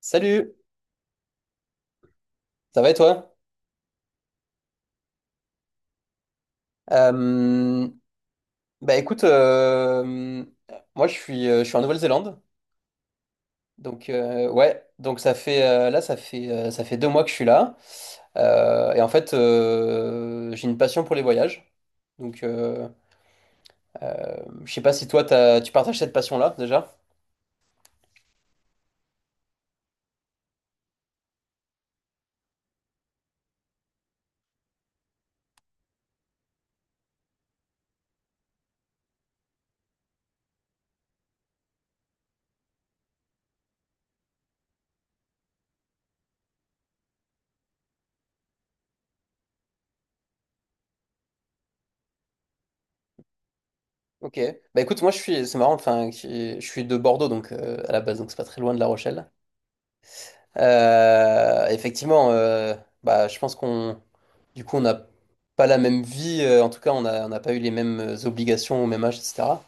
Salut, ça va et toi? Euh, bah écoute, moi je suis en Nouvelle-Zélande, donc ouais, donc ça fait là ça fait 2 mois que je suis là. Et en fait j'ai une passion pour les voyages, donc euh, je sais pas si tu partages cette passion-là déjà. Ok, bah écoute moi je suis, c'est marrant, enfin je suis de Bordeaux donc à la base, donc c'est pas très loin de La Rochelle. Effectivement, bah, je pense qu'on, du coup, on n'a pas la même vie. En tout cas, on n'a pas eu les mêmes obligations au même âge, etc.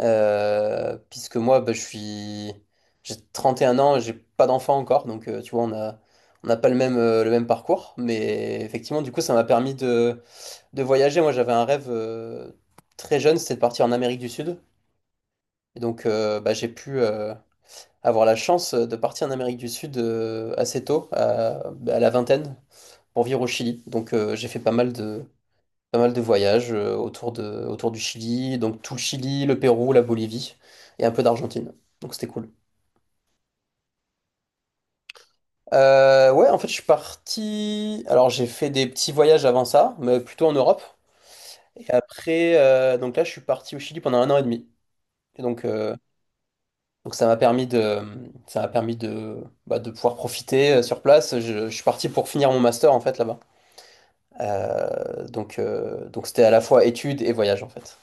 Puisque moi, bah, j'ai 31 ans, j'ai pas d'enfant encore, donc tu vois, on a, on n'a pas le même, le même parcours. Mais effectivement, du coup, ça m'a permis de voyager. Moi, j'avais un rêve très jeune, c'était de partir en Amérique du Sud. Et donc, bah, j'ai pu. Avoir la chance de partir en Amérique du Sud assez tôt, à la vingtaine, pour vivre au Chili. Donc j'ai fait pas mal de voyages autour autour du Chili, donc tout le Chili, le Pérou, la Bolivie et un peu d'Argentine. Donc c'était cool. Ouais, en fait je suis parti. Alors j'ai fait des petits voyages avant ça, mais plutôt en Europe. Et après, donc là je suis parti au Chili pendant 1 an et demi. Et donc euh, Donc ça m'a permis de, bah, de pouvoir profiter sur place. Je suis parti pour finir mon master en fait là-bas. Donc c'était à la fois études et voyage en fait.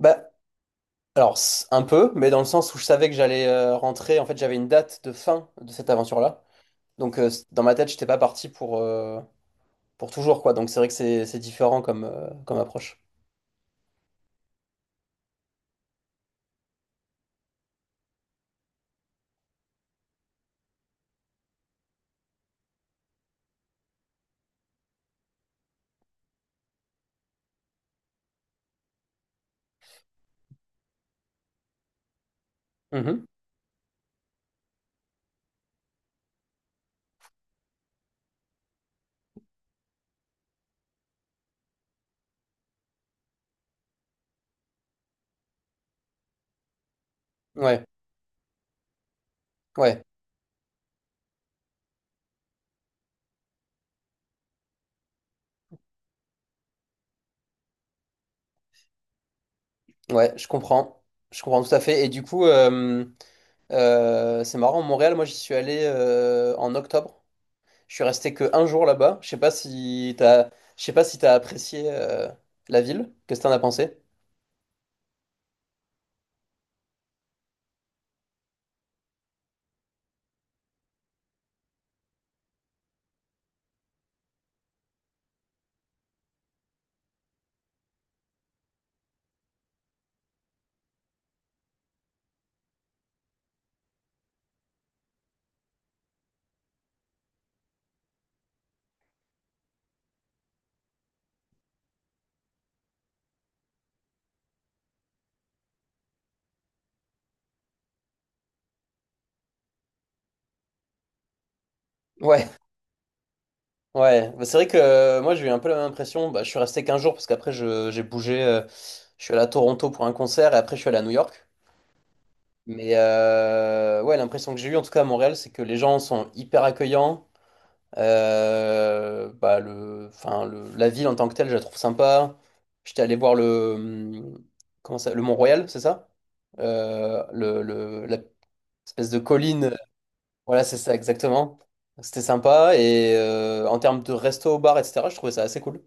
Bah, un peu, mais dans le sens où je savais que j'allais rentrer. En fait j'avais une date de fin de cette aventure-là. Dans ma tête j'étais pas parti pour toujours quoi. Donc c'est vrai que c'est différent comme comme approche. Mhm. Ouais ouais ouais, je comprends, je comprends tout à fait. Et du coup, c'est marrant, Montréal, moi j'y suis allé en octobre. Je suis resté que un jour là-bas. Je sais pas si t'as apprécié la ville. Qu'est-ce que t'en as pensé? Ouais, ouais. Bah, c'est vrai que moi j'ai eu un peu la même impression. Bah, je suis resté qu'un jour parce qu'après j'ai bougé. Je suis allé à Toronto pour un concert et après je suis allé à New York. Mais ouais, l'impression que j'ai eue, en tout cas à Montréal, c'est que les gens sont hyper accueillants. La ville en tant que telle, je la trouve sympa. J'étais allé voir le Mont-Royal, c'est ça? La espèce de colline, voilà, c'est ça exactement. C'était sympa. Et en termes de resto, bar, etc., je trouvais ça assez cool.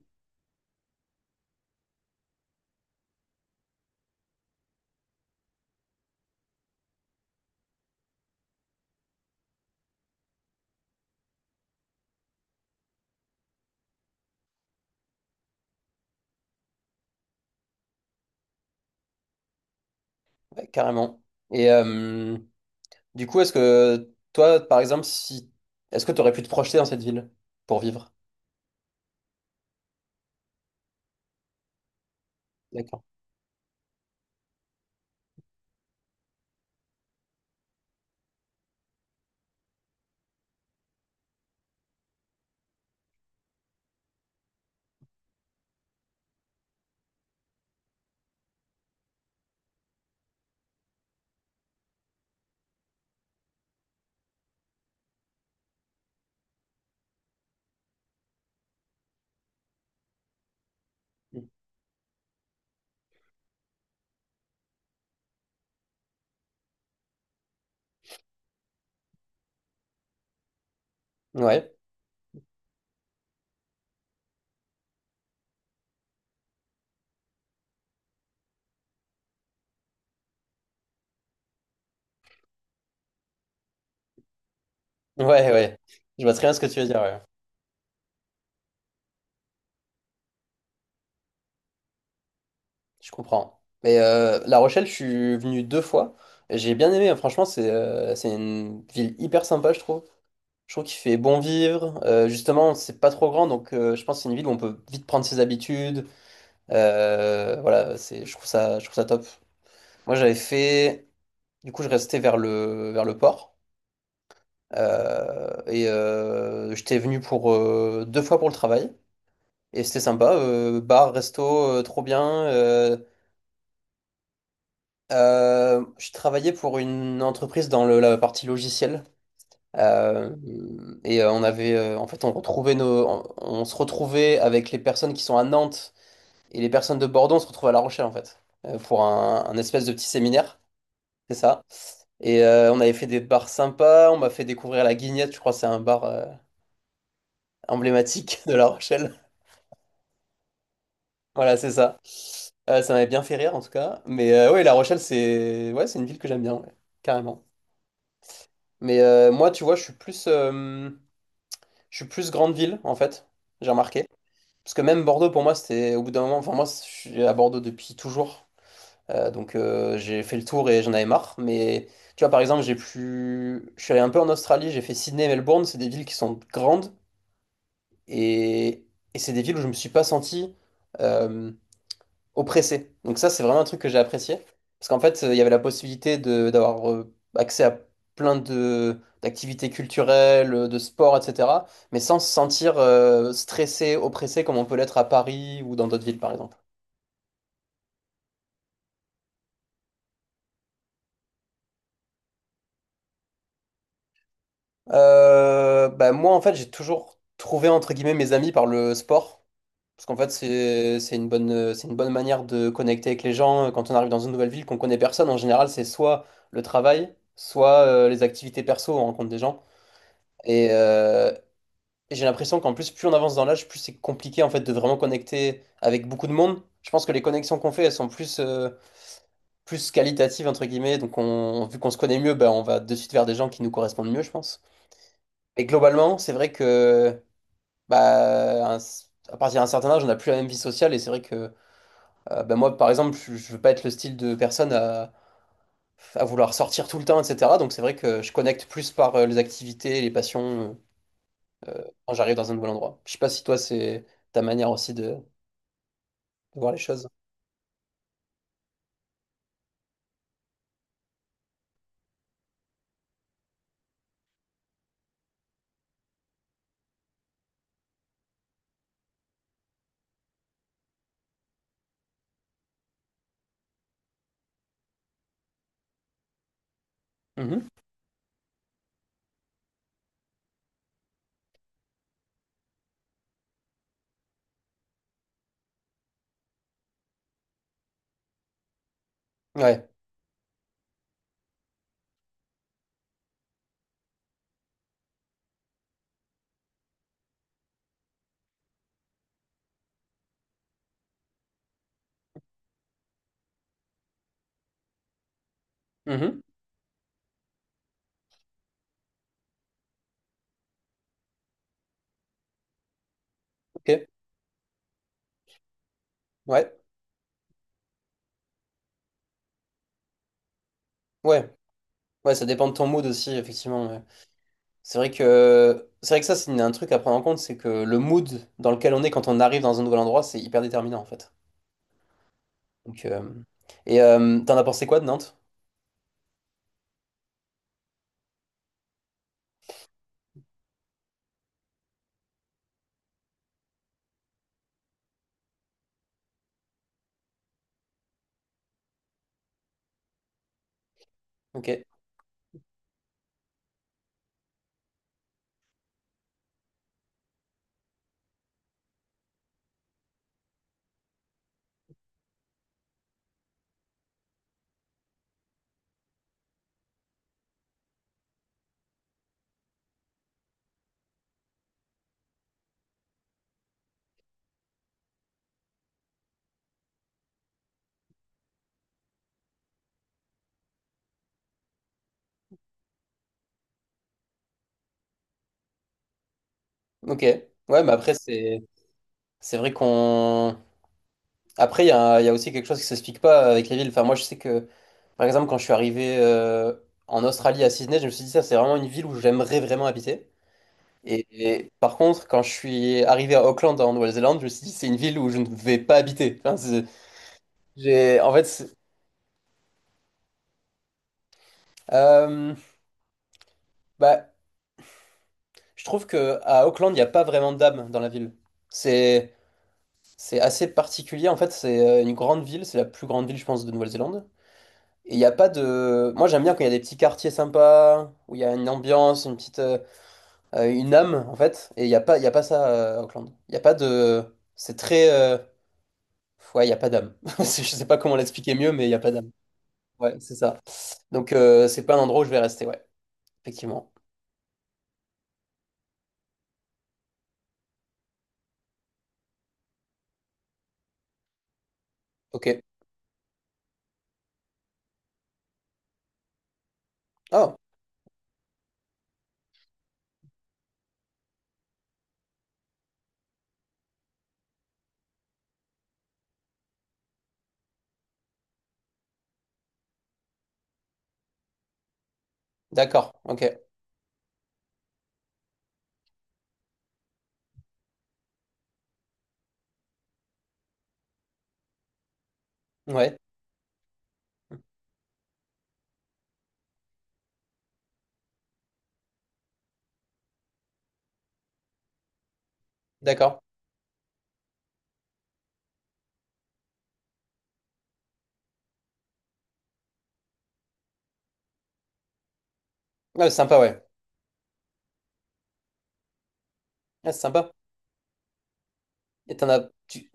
Ouais, carrément. Et du coup, est-ce que toi, par exemple, si, est-ce que tu aurais pu te projeter dans cette ville pour vivre? D'accord. Ouais, ouais, ouais. Je vois très bien ce que tu veux dire, ouais. Je comprends. Mais La Rochelle, je suis venu deux fois et j'ai bien aimé, hein. Franchement, c'est une ville hyper sympa, je trouve. Je trouve qu'il fait bon vivre. Justement, c'est pas trop grand, donc je pense que c'est une ville où on peut vite prendre ses habitudes. Voilà, c'est, je trouve ça, Je trouve ça top. Moi, j'avais fait... Du coup, je restais vers le port. J'étais venu pour deux fois pour le travail. Et c'était sympa, bar, resto, trop bien. Je travaillais pour une entreprise dans la partie logicielle. euh, on avait, en fait, on se retrouvait avec les personnes qui sont à Nantes et les personnes de Bordeaux, on se retrouvait à La Rochelle, en fait, pour un espèce de petit séminaire, c'est ça. Et on avait fait des bars sympas, on m'a fait découvrir la Guignette, je crois que c'est un bar emblématique de La Rochelle. Voilà, c'est ça. Ça m'avait bien fait rire en tout cas. Mais ouais, La Rochelle, c'est, ouais, c'est une ville que j'aime bien, ouais, carrément. Mais moi, tu vois, je suis plus grande ville en fait, j'ai remarqué. Parce que même Bordeaux, pour moi, c'était au bout d'un moment. Enfin, moi, je suis à Bordeaux depuis toujours. J'ai fait le tour et j'en avais marre. Mais tu vois, par exemple, j'ai plus. Je suis allé un peu en Australie, j'ai fait Sydney et Melbourne. C'est des villes qui sont grandes et, et c'est des villes où je me suis pas senti. Euh, oppressé. Donc ça, c'est vraiment un truc que j'ai apprécié. Parce qu'en fait, il y avait la possibilité de d'avoir accès à plein de d'activités culturelles, de sport, etc. Mais sans se sentir stressé, oppressé comme on peut l'être à Paris ou dans d'autres villes, par exemple. Bah, moi, en fait, j'ai toujours trouvé, entre guillemets, mes amis par le sport. Parce qu'en fait, c'est une bonne manière de connecter avec les gens. Quand on arrive dans une nouvelle ville, qu'on connaît personne, en général, c'est soit le travail, soit les activités perso, on rencontre des gens. Et j'ai l'impression qu'en plus, plus on avance dans l'âge, plus c'est compliqué en fait de vraiment connecter avec beaucoup de monde. Je pense que les connexions qu'on fait, elles sont plus, plus qualitatives, entre guillemets. Donc, vu qu'on se connaît mieux, bah, on va de suite vers des gens qui nous correspondent mieux, je pense. Et globalement, c'est vrai que bah, à partir d'un certain âge, on n'a plus la même vie sociale. Et c'est vrai que bah, moi, par exemple, je veux pas être le style de personne à vouloir sortir tout le temps, etc. Donc, c'est vrai que je connecte plus par les activités, les passions. Quand j'arrive dans un nouvel endroit. Je sais pas si toi, c'est ta manière aussi de voir les choses. Mhm. Ouais. Mhm. Ok. Ouais. Ouais. Ouais, ça dépend de ton mood aussi, effectivement, ouais. C'est vrai que, c'est vrai que ça, c'est un truc à prendre en compte, c'est que le mood dans lequel on est quand on arrive dans un nouvel endroit, c'est hyper déterminant en fait. Donc, et t'en as pensé quoi de Nantes? Ok. Ok. Ouais, mais après, c'est vrai qu'on... Après, il y a aussi quelque chose qui s'explique pas avec les villes. Enfin, moi, je sais que, par exemple, quand je suis arrivé en Australie à Sydney, je me suis dit, ça, c'est vraiment une ville où j'aimerais vraiment habiter. Et par contre, quand je suis arrivé à Auckland, en Nouvelle-Zélande, je me suis dit, c'est une ville où je ne vais pas habiter. Enfin, c'est- j'ai, en fait, c'est- euh, Bah, je trouve que à Auckland, il n'y a pas vraiment d'âme dans la ville. C'est, c'est assez particulier. En fait, c'est une grande ville, c'est la plus grande ville, je pense, de Nouvelle-Zélande. Et il n'y a pas de... Moi j'aime bien quand il y a des petits quartiers sympas, où il y a une ambiance, une petite... une âme en fait. Et il y a pas ça à Auckland. Il n'y a pas de... C'est très... Ouais, il n'y a pas d'âme. Je sais pas comment l'expliquer mieux, mais il n'y a pas d'âme. Ouais, c'est ça. Donc c'est pas un endroit où je vais rester, ouais. Effectivement. Ok. Oh, d'accord. Ok. Ouais, d'accord. Ouais, c'est sympa, ouais. Ouais, c'est sympa. Et t'en as... tu-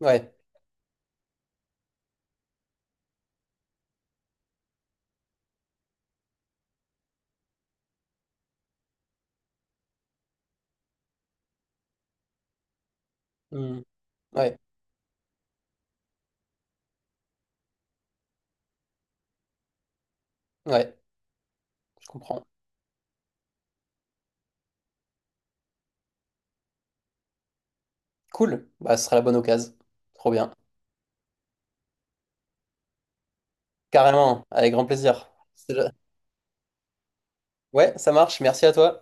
Ouais. Hmm. Ouais. Ouais. Je comprends. Cool. Bah, ce sera la bonne occasion. Trop bien. Carrément, avec grand plaisir. C'est- Ouais, ça marche. Merci à toi.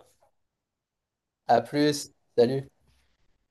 À plus. Salut.